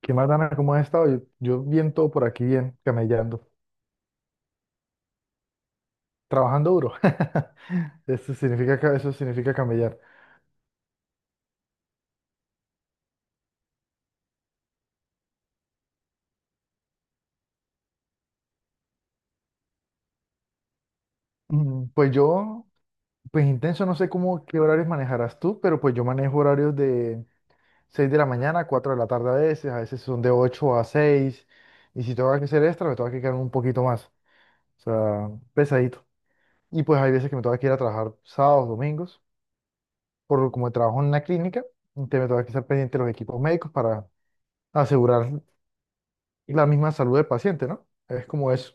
¿Qué más, Dana? ¿Cómo has estado? Yo bien, todo por aquí, bien, camellando, trabajando duro. Eso significa, eso significa camellar. Mm, Pues yo, pues intenso, no sé cómo, qué horarios manejarás tú, pero pues yo manejo horarios de 6 de la mañana a 4 de la tarde a veces son de 8 a seis, y si tengo que hacer extra, me tengo que quedar un poquito más, o sea, pesadito. Y pues hay veces que me tengo que ir a trabajar sábados, domingos, por como trabajo en una clínica, entonces me tengo que estar pendiente de los equipos médicos para asegurar la misma salud del paciente, ¿no? Es como eso.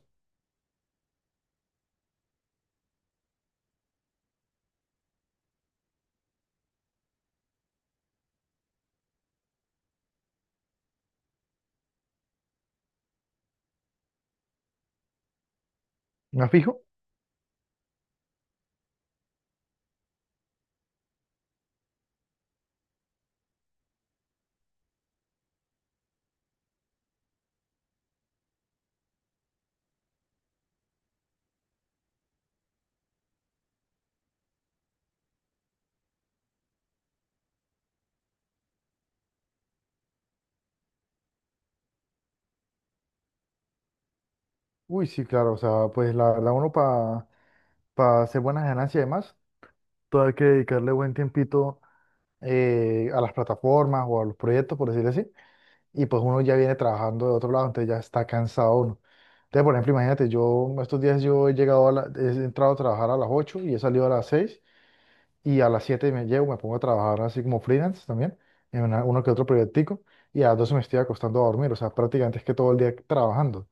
¿Me fijo? Uy, sí, claro, o sea, pues la verdad uno, para hacer buenas ganancias y demás, todo hay que dedicarle buen tiempito a las plataformas o a los proyectos, por decirlo así, y pues uno ya viene trabajando de otro lado, entonces ya está cansado uno. Entonces, por ejemplo, imagínate, yo estos días yo he entrado a trabajar a las 8 y he salido a las 6. Y a las 7 me llevo, me pongo a trabajar así como freelance también, en uno que otro proyectico, y a las 12 me estoy acostando a dormir, o sea, prácticamente es que todo el día trabajando.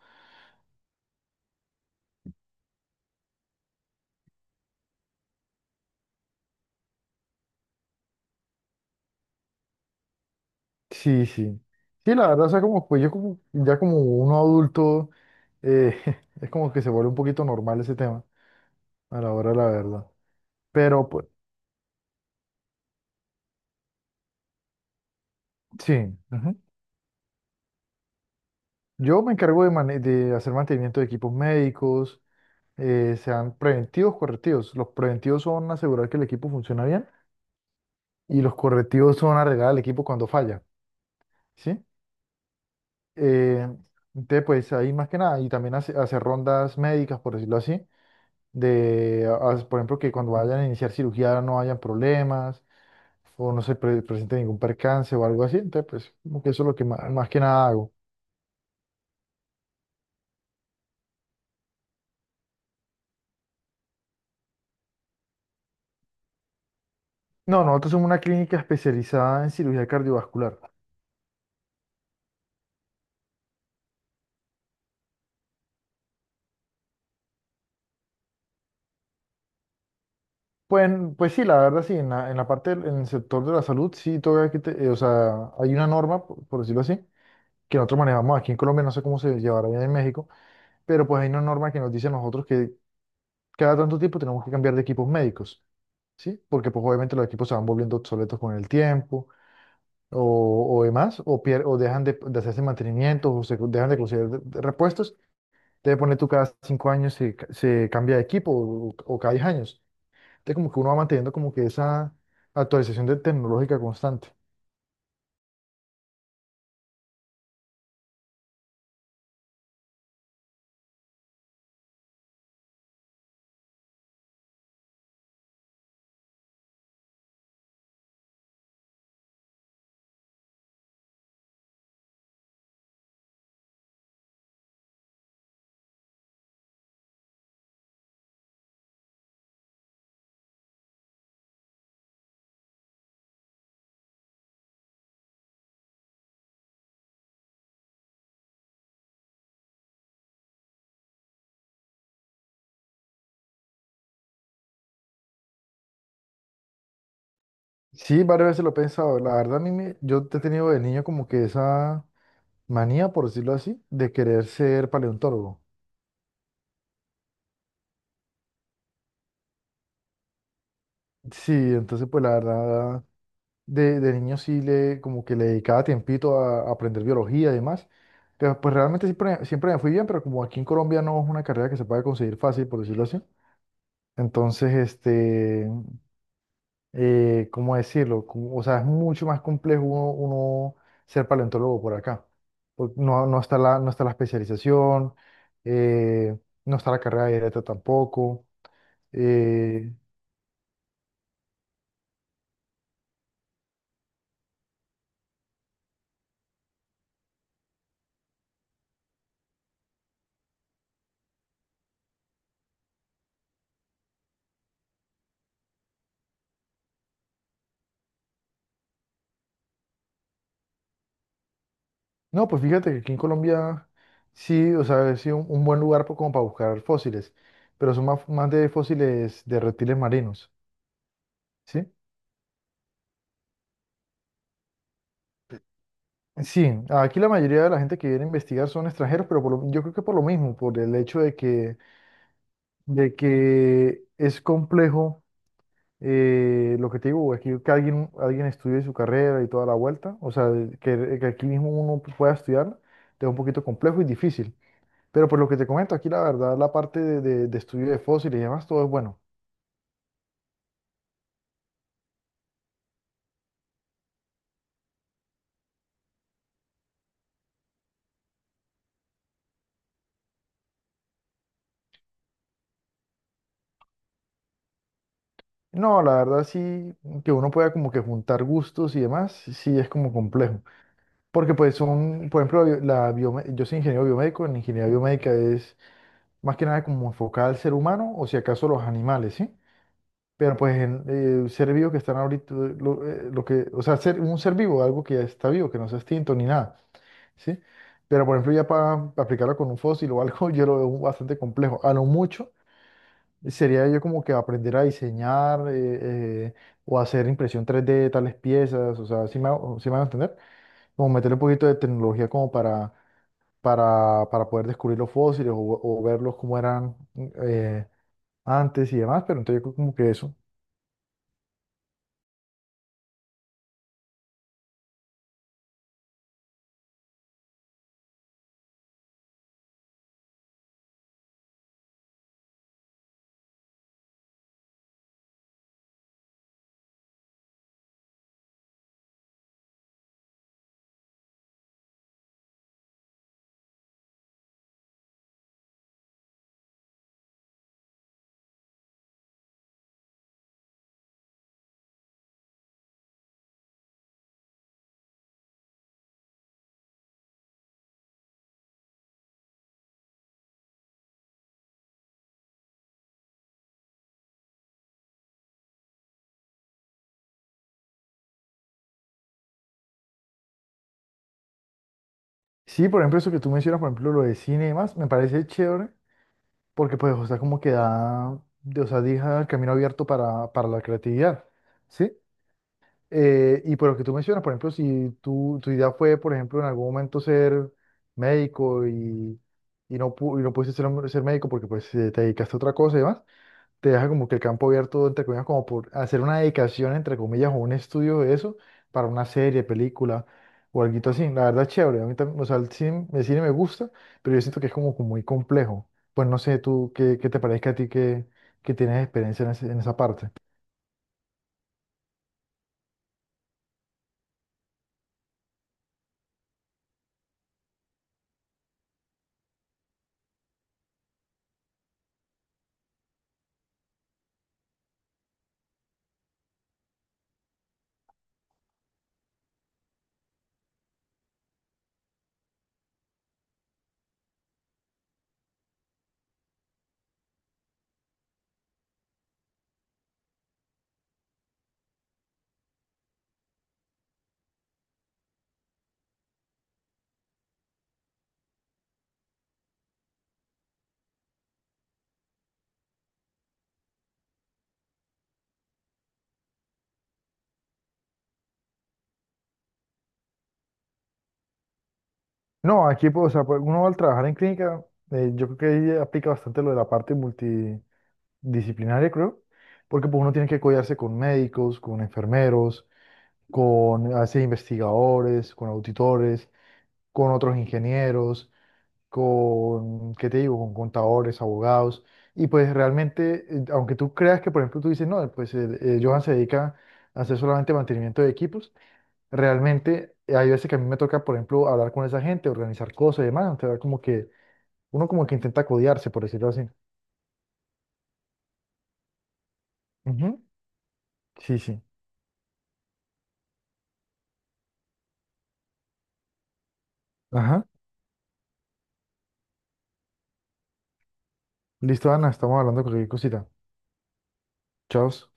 Sí, sí. Sí, la verdad, o sea, como pues yo como, ya como uno adulto, eh, es como que se vuelve un poquito normal ese tema, a la hora de la verdad. Pero pues, sí. Ujú. Yo me encargo de, de hacer mantenimiento de equipos médicos, sean preventivos, correctivos. Los preventivos son asegurar que el equipo funciona bien y los correctivos son arreglar el equipo cuando falla. ¿Sí? Eh, entonces, pues ahí más que nada, y también hacer rondas médicas, por decirlo así, de, por ejemplo, que cuando vayan a iniciar cirugía no hayan problemas o no se presente ningún percance o algo así, entonces, pues, como que eso es lo que más que nada hago. No, nosotros somos una clínica especializada en cirugía cardiovascular. Pues, pues sí, la verdad sí, en en la parte, en el sector de la salud, sí, todavía que o sea, hay una norma, por decirlo así, que nosotros manejamos aquí en Colombia, no sé cómo se llevará bien en México, pero pues hay una norma que nos dice a nosotros que cada tanto tiempo tenemos que cambiar de equipos médicos, ¿sí? Porque pues obviamente los equipos se van volviendo obsoletos con el tiempo o demás, o, o dejan de hacerse mantenimientos o se dejan de conseguir de repuestos. Entonces ponle tú cada cinco años se cambia de equipo o cada diez años. Entonces como que uno va manteniendo como que esa actualización de tecnológica constante. Sí, varias veces lo he pensado. La verdad, a yo he tenido de niño como que esa manía, por decirlo así, de querer ser paleontólogo. Sí, entonces pues la verdad, de niño sí le, como que le dedicaba tiempito a aprender biología y demás. Pero pues realmente siempre me fui bien, pero como aquí en Colombia no es una carrera que se pueda conseguir fácil, por decirlo así. Entonces, este, ¿cómo decirlo? Como- o sea, es mucho más complejo uno ser paleontólogo por acá. Porque no está no está la especialización, eh, no está la carrera directa tampoco. eh, No, pues fíjate que aquí en Colombia sí, o sea, es sí un buen lugar como para buscar fósiles, pero son más de fósiles de reptiles marinos, ¿sí? Sí, aquí la mayoría de la gente que viene a investigar son extranjeros, pero yo creo que por lo mismo, por el hecho de que es complejo, lo que te digo, aquí que alguien estudie su carrera y toda la vuelta, o sea, que aquí mismo uno pueda estudiar, es un poquito complejo y difícil. Pero por lo que te comento, aquí la verdad, la parte de estudio de fósiles y demás, todo es bueno. No, la verdad sí, que uno pueda como que juntar gustos y demás, sí es como complejo. Porque pues son, por ejemplo, la, bio- la biome- yo soy ingeniero biomédico, en ingeniería biomédica es más que nada como enfocada al ser humano o si acaso los animales, ¿sí? Pero pues en, ser vivo que están ahorita, o sea, ser, un ser vivo, algo que ya está vivo, que no sea extinto ni nada, ¿sí? Pero por ejemplo ya para aplicarlo con un fósil o algo, yo lo veo bastante complejo. A lo mucho. Sería yo como que aprender a diseñar o hacer impresión 3D de tales piezas, o sea, si me, sí me van a entender? Como meterle un poquito de tecnología como para poder descubrir los fósiles o verlos como eran eh, antes y demás, pero entonces yo creo como que eso. Sí, por ejemplo, eso que tú mencionas, por ejemplo, lo de cine y demás, me parece chévere porque pues, o sea, como que da, de- o sea, deja el camino abierto para la creatividad, ¿sí? Y por lo que tú mencionas, por ejemplo, si tu idea fue, por ejemplo, en algún momento ser médico y no, y no pudiste ser, ser médico porque pues te dedicaste a otra cosa y demás, te deja como que el campo abierto, entre comillas, como por hacer una dedicación, entre comillas, o un estudio de eso para una serie, película o algo así. La verdad es chévere, a mí también, o sea, el cine me gusta, pero yo siento que es como, como muy complejo. Pues no sé, tú, qué te parezca a ti que tienes experiencia en, en esa parte? No, aquí pues, o sea, pues, uno al trabajar en clínica, yo creo que ahí aplica bastante lo de la parte multidisciplinaria, creo, porque pues, uno tiene que codearse con médicos, con enfermeros, con a veces investigadores, con auditores, con otros ingenieros, con, ¿qué te digo?, con contadores, abogados, y pues realmente, aunque tú creas que, por ejemplo, tú dices, no, pues el, Johan se dedica a hacer solamente mantenimiento de equipos, realmente hay veces que a mí me toca, por ejemplo, hablar con esa gente, organizar cosas y demás, entonces como que uno como que intenta codearse, por decirlo así. Ujú. Sí, sí. Ajá. Listo, Ana, estamos hablando de cualquier cosita. Chao.